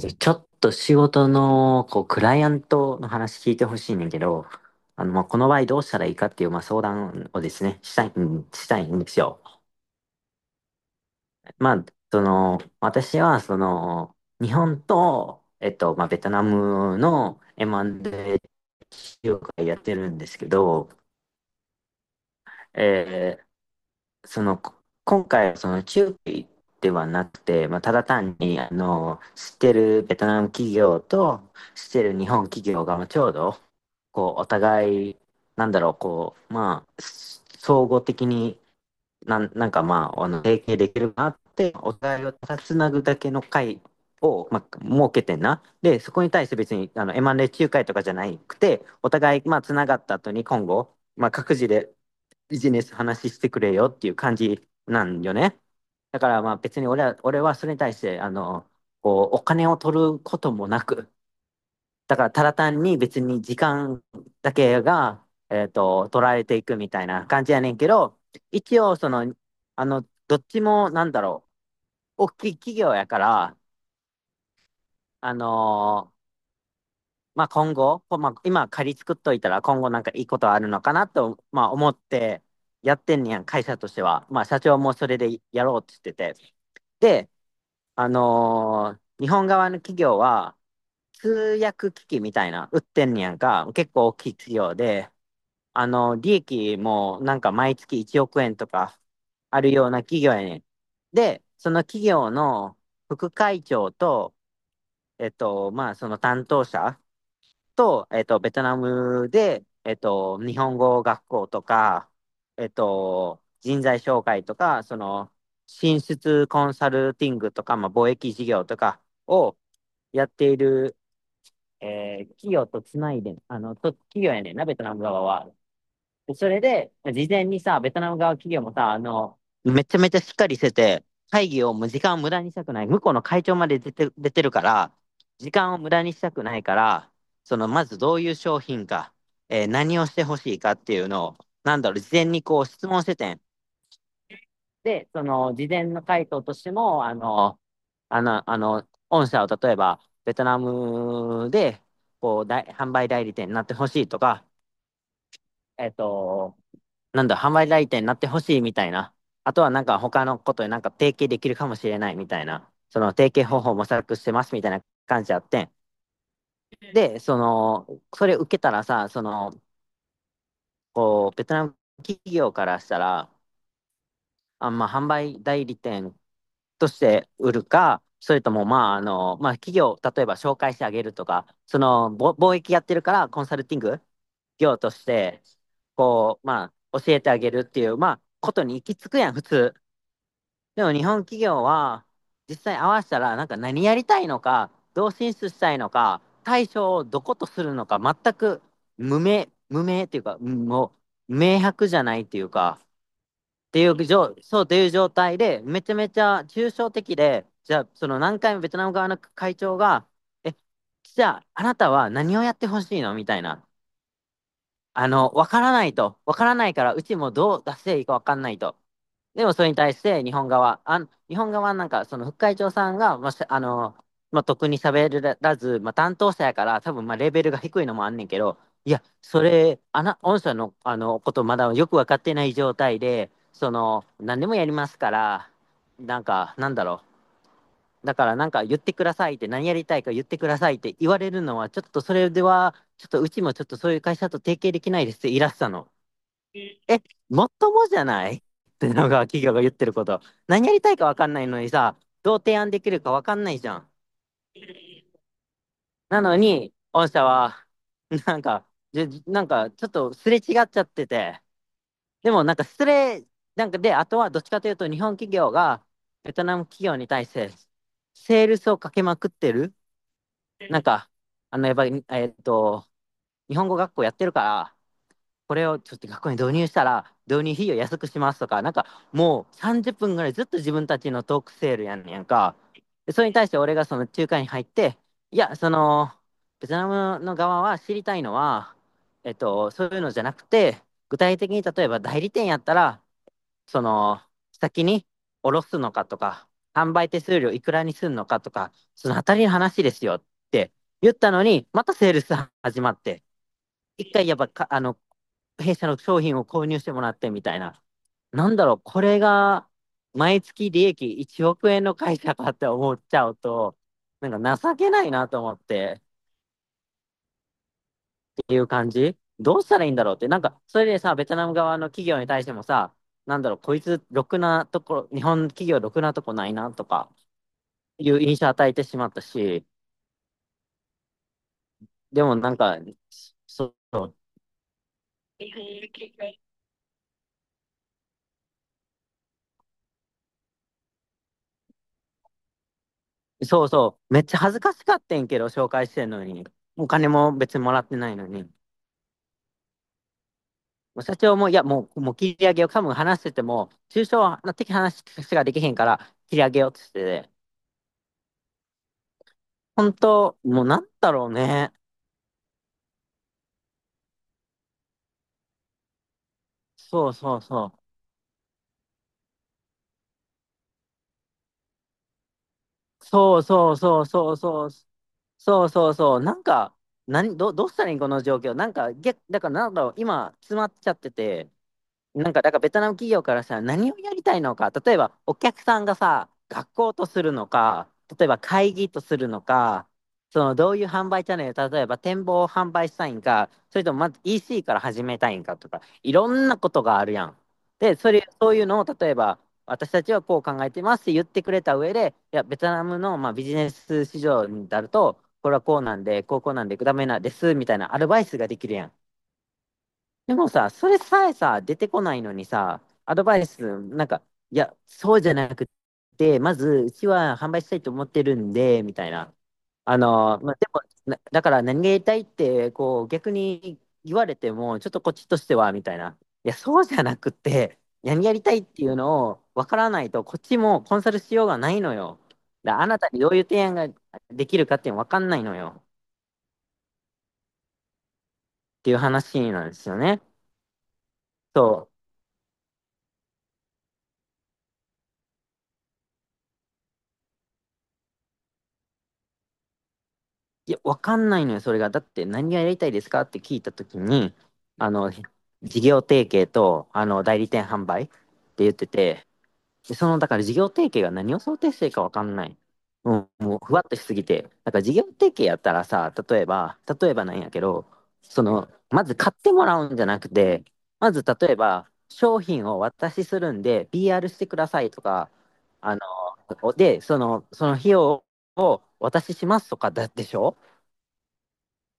じゃあちょっと仕事の、こう、クライアントの話聞いてほしいねんけど、まあ、この場合どうしたらいいかっていう、まあ、相談をですね、したいんですよ。まあ、その、私は、その、日本と、まあ、ベトナムの M&A 業界やってるんですけど、えーその、今回はその中継ではなくて、まあ、ただ単に、知ってるベトナム企業と知ってる日本企業がまあちょうど、こう、お互い、なんだろう、こう、まあ、総合的になんかまあ、提携できるかなって、お互いをただつなぐだけの会を、まあ、設けてんな。で、そこに対して別に、M&A 仲介とかじゃなくて、お互い、まあ、つながった後に今後、まあ、各自でビジネス話してくれよっていう感じなんよね。だからまあ別に俺はそれに対して、こう、お金を取ることもなく、だからただ単に別に時間だけが、取られていくみたいな感じやねんけど、一応その、どっちもなんだろう、大きい企業やから、あのまあ今後、まあ、今仮作っといたら今後なんかいいことあるのかなと、まあ思ってやってんねやん、会社としては。まあ社長もそれでやろうって言ってて。で、日本側の企業は通訳機器みたいな売ってんねやんか、結構大きい企業で、利益もなんか毎月1億円とかあるような企業やねん。で、その企業の副会長と、まあその担当者、と、ベトナムで、日本語学校とか、人材紹介とか、その、進出コンサルティングとか、まあ、貿易事業とかをやっている、企業とつないで、と企業やねんな、ベトナム側は。でそれで、事前にさ、ベトナム側企業もさ、めちゃめちゃしっかりしてて、会議をもう時間を無駄にしたくない。向こうの会長まで出てるから、時間を無駄にしたくないから、その、まずどういう商品か、何をしてほしいかっていうのを、なんだろう、事前にこう質問しててん。で、その、事前の回答としても、御社を例えば、ベトナムで、こう、大販売代理店になってほしいとか、えっと、なんだ、販売代理店になってほしいみたいな。あとはなんか他のことでなんか提携できるかもしれないみたいな。その提携方法を模索してますみたいな感じあって。で、その、それ受けたらさ、その、こう、ベトナム企業からしたら、あ、まあ、販売代理店として売るか、それとも、まあ、まあ、企業、例えば紹介してあげるとか、その、貿易やってるから、コンサルティング業として、こう、まあ、教えてあげるっていう、まあ、ことに行き着くやん、普通。でも、日本企業は、実際合わせたら、なんか何やりたいのか、どう進出したいのか、対象をどことするのか、全く無名っていうか、もう、明白じゃないっていうか、っていう状、そうという状態で、めちゃめちゃ抽象的で、じゃあ、その何回もベトナム側の会長が、え、じゃあ、あなたは何をやってほしいのみたいな。わからないと。わからないから、うちもどう出していいかわかんないと。でも、それに対して日本側、あ、日本側なんか、その副会長さんが、まあ、まあ、特に喋らず、まあ、担当者やから、多分、まあ、レベルが低いのもあんねんけど、いや、御社の、ことまだよくわかってない状態で、その、何でもやりますから、なんか、なんだろう。だからなんか言ってくださいって何やりたいか言ってくださいって言われるのはちょっとそれではちょっとうちもちょっとそういう会社と提携できないですって言いらしたの。え、もっともじゃないってのが企業が言ってること。何やりたいか分かんないのにさ、どう提案できるか分かんないじゃん。なのに、御社はなんか、なんかちょっとすれ違っちゃってて、でもなんかすれなんかで、あとはどっちかというと日本企業がベトナム企業に対してセールスをかけまくってる。なんか、やっぱり、日本語学校やってるから、これをちょっと学校に導入したら、導入費用安くしますとか、なんか、もう30分ぐらいずっと自分たちのトークセールやんねやんか。でそれに対して俺がその仲介に入って、いや、その、ベトナムの側は知りたいのは、そういうのじゃなくて、具体的に例えば代理店やったら、その、先に下ろすのかとか、販売手数料いくらにすんのかとか、そのあたりの話ですよって言ったのに、またセールス始まって、一回やっぱか、あの、弊社の商品を購入してもらってみたいな。なんだろう、これが毎月利益1億円の会社かって思っちゃうと、なんか情けないなと思って。ていう感じどうしたらいいんだろうって。なんか、それでさ、ベトナム側の企業に対してもさ、なんだろう、こいつ、ろくなところ、日本企業ろくなとこないな、とか、いう印象与えてしまったし、でもなんか、そう、そうそう、めっちゃ恥ずかしかってんけど、紹介してんのに。お金も別にもらってないのに。もう社長も、いや、もう、もう切り上げよう。多分話してても、抽象的話しかできへんから、切り上げようって言ってて。本当、もうなんだろうね。そうそうそう。そうそうそうそうそう。そうそうそう。なんか、どうしたらいいんこの状況。なんか、だからなんだろう、今、詰まっちゃってて、なんか、だからベトナム企業からさ、何をやりたいのか、例えばお客さんがさ、学校とするのか、例えば会議とするのか、そのどういう販売チャンネル、例えば展望を販売したいんか、それともまず EC から始めたいんかとか、いろんなことがあるやん。で、そういうのを例えば、私たちはこう考えてますって言ってくれた上で、いや、ベトナムの、まあ、ビジネス市場になると、これはこうなんで、こうこうなんで、ダメなんですみたいなアドバイスができるやん。でもさ、それさえさ、出てこないのにさ、アドバイス、なんか、いや、そうじゃなくて、まず、うちは販売したいと思ってるんで、みたいな。あの、まあ、でも、なだから何がやりたいって、こう、逆に言われても、ちょっとこっちとしては、みたいな。いや、そうじゃなくて、何やりたいっていうのを分からないと、こっちもコンサルしようがないのよ。あなたにどういう提案ができるかって分かんないのよ。っていう話なんですよね。そう。いや、わかんないのよ、それが。だって、何がやりたいですかって聞いたときに、あの、事業提携と、代理店販売って言ってて、で、その、だから事業提携が何を想定してるかわかんない。もうん、もう、ふわっとしすぎて。だから事業提携やったらさ、例えば、例えばなんやけど、その、まず買ってもらうんじゃなくて、まず例えば、商品をお渡しするんで、PR してくださいとか、あの、で、その、その費用をお渡ししますとかだでしょ。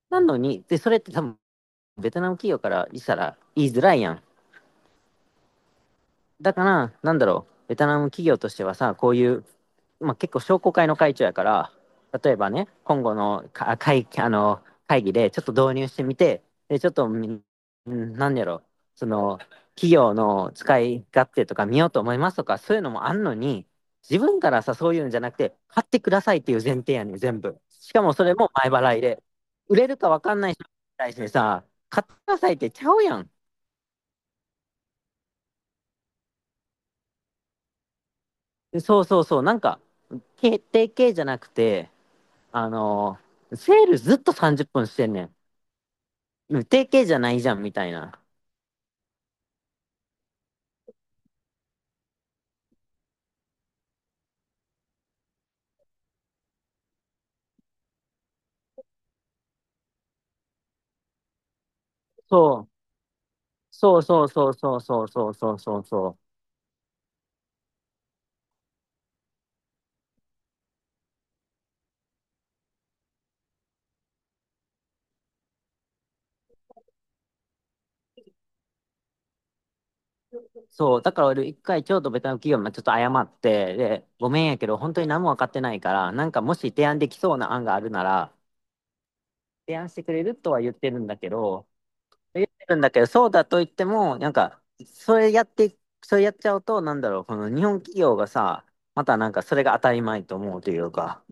なのに、で、それって多分、ベトナム企業からしたら言いづらいやん。だから、なんだろう、ベトナム企業としてはさ、こういう、まあ、結構商工会の会長やから、例えばね、今後の会議でちょっと導入してみて、でちょっとみ、んなんやろ、その、企業の使い勝手とか見ようと思いますとか、そういうのもあんのに、自分からさ、そういうんじゃなくて、買ってくださいっていう前提やねん、全部。しかもそれも前払いで。売れるか分かんない人に対してさ、買ってくださいってちゃうやん。そう、なんか、決定系じゃなくて、あのセールずっと30分してんねん。定型じゃないじゃん、みたいな。そう。そうそうそうそうそうそうそうそうそう。そう。だから俺一回京都ベトナム企業まあちょっと謝って、で、ごめんやけど本当に何も分かってないから、なんかもし提案できそうな案があるなら、提案してくれるとは言ってるんだけど、そうだと言っても、なんか、それやってい、それやっちゃうと、なんだろう、この日本企業がさ、またなんかそれが当たり前と思うというか、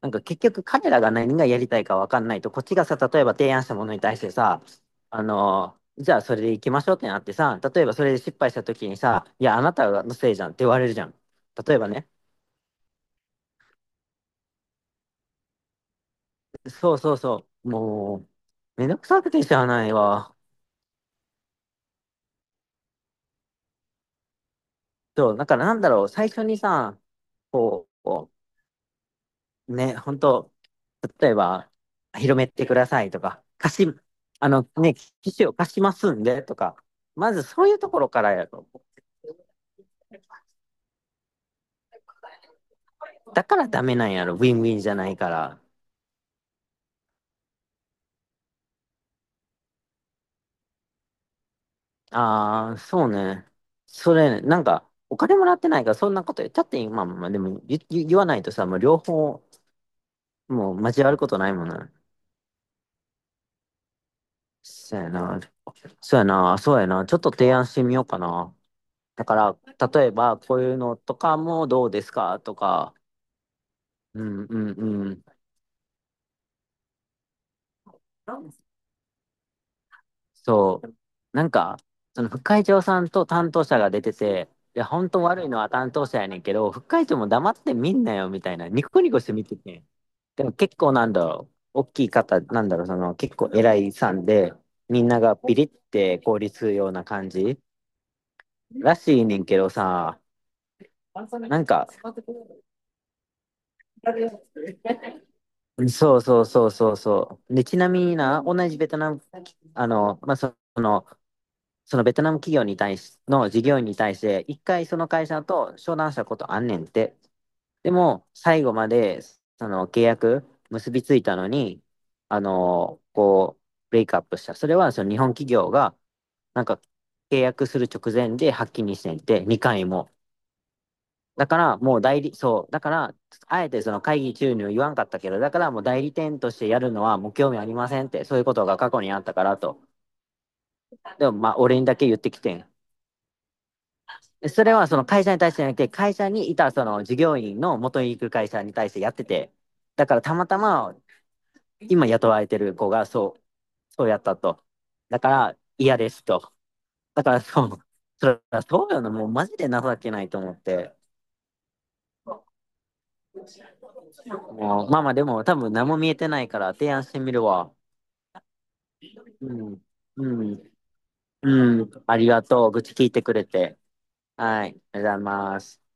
なんか結局彼らが何がやりたいかわかんないと、こっちがさ、例えば提案したものに対してさ、あの、じゃあそれで行きましょうってなってさ、例えばそれで失敗した時にさ、いや、あなたのせいじゃんって言われるじゃん。例えばね。そう。もう、めんどくさくてしゃあないわ。そう、だからなんだろう、最初にさ、こう、ね、本当例えば、広めてくださいとか、貸し、あのね、機種を貸しますんでとか、まずそういうところからやろ。だからダメなんやろ、ウィンウィンじゃないから。ああ、そうね。それ、なんか、お金もらってないから、そんなこと言っちゃっていい、まあまあでも言わないとさ、もう両方、もう交わることないもんな。そうやな、そうやな、そうやな、ちょっと提案してみようかな。だから、例えば、こういうのとかもどうですかとか、うんうんうん。そう。なんか、その副会長さんと担当者が出てて、いや、本当悪いのは担当者やねんけど、副会長も黙ってみんなよ、みたいな。ニコニコして見てて。でも結構なんだろう。大きい方、なんだろう、その結構偉いさんで、みんながビリって凍りつくような感じらしいねんけどさ、なんか、そう。で、ちなみにな、同じベトナム、あの、まあ、その、そのベトナム企業に対し、の事業員に対して、一回その会社と商談したことあんねんって。でも、最後まで、その契約結びついたのに、あの、こう、ブレイクアップした。それは、その日本企業が、なんか、契約する直前で発起にしてんって、2回も。だから、もう代理、そう、だから、あえてその会議中には言わんかったけど、だからもう代理店としてやるのはもう興味ありませんって、そういうことが過去にあったからと。でも、まあ、俺にだけ言ってきてん。それはその会社に対してじゃなくて、会社にいたその従業員の元に行く会社に対してやってて、だからたまたま今雇われてる子がそうやったと。だから嫌ですと。だからそう、それはそうよな、もうマジで情けないと思って。もうまあまあでも多分何も見えてないから提案してみるわ。うん。うん。うん。ありがとう。愚痴聞いてくれて。はい。ありがとうございます。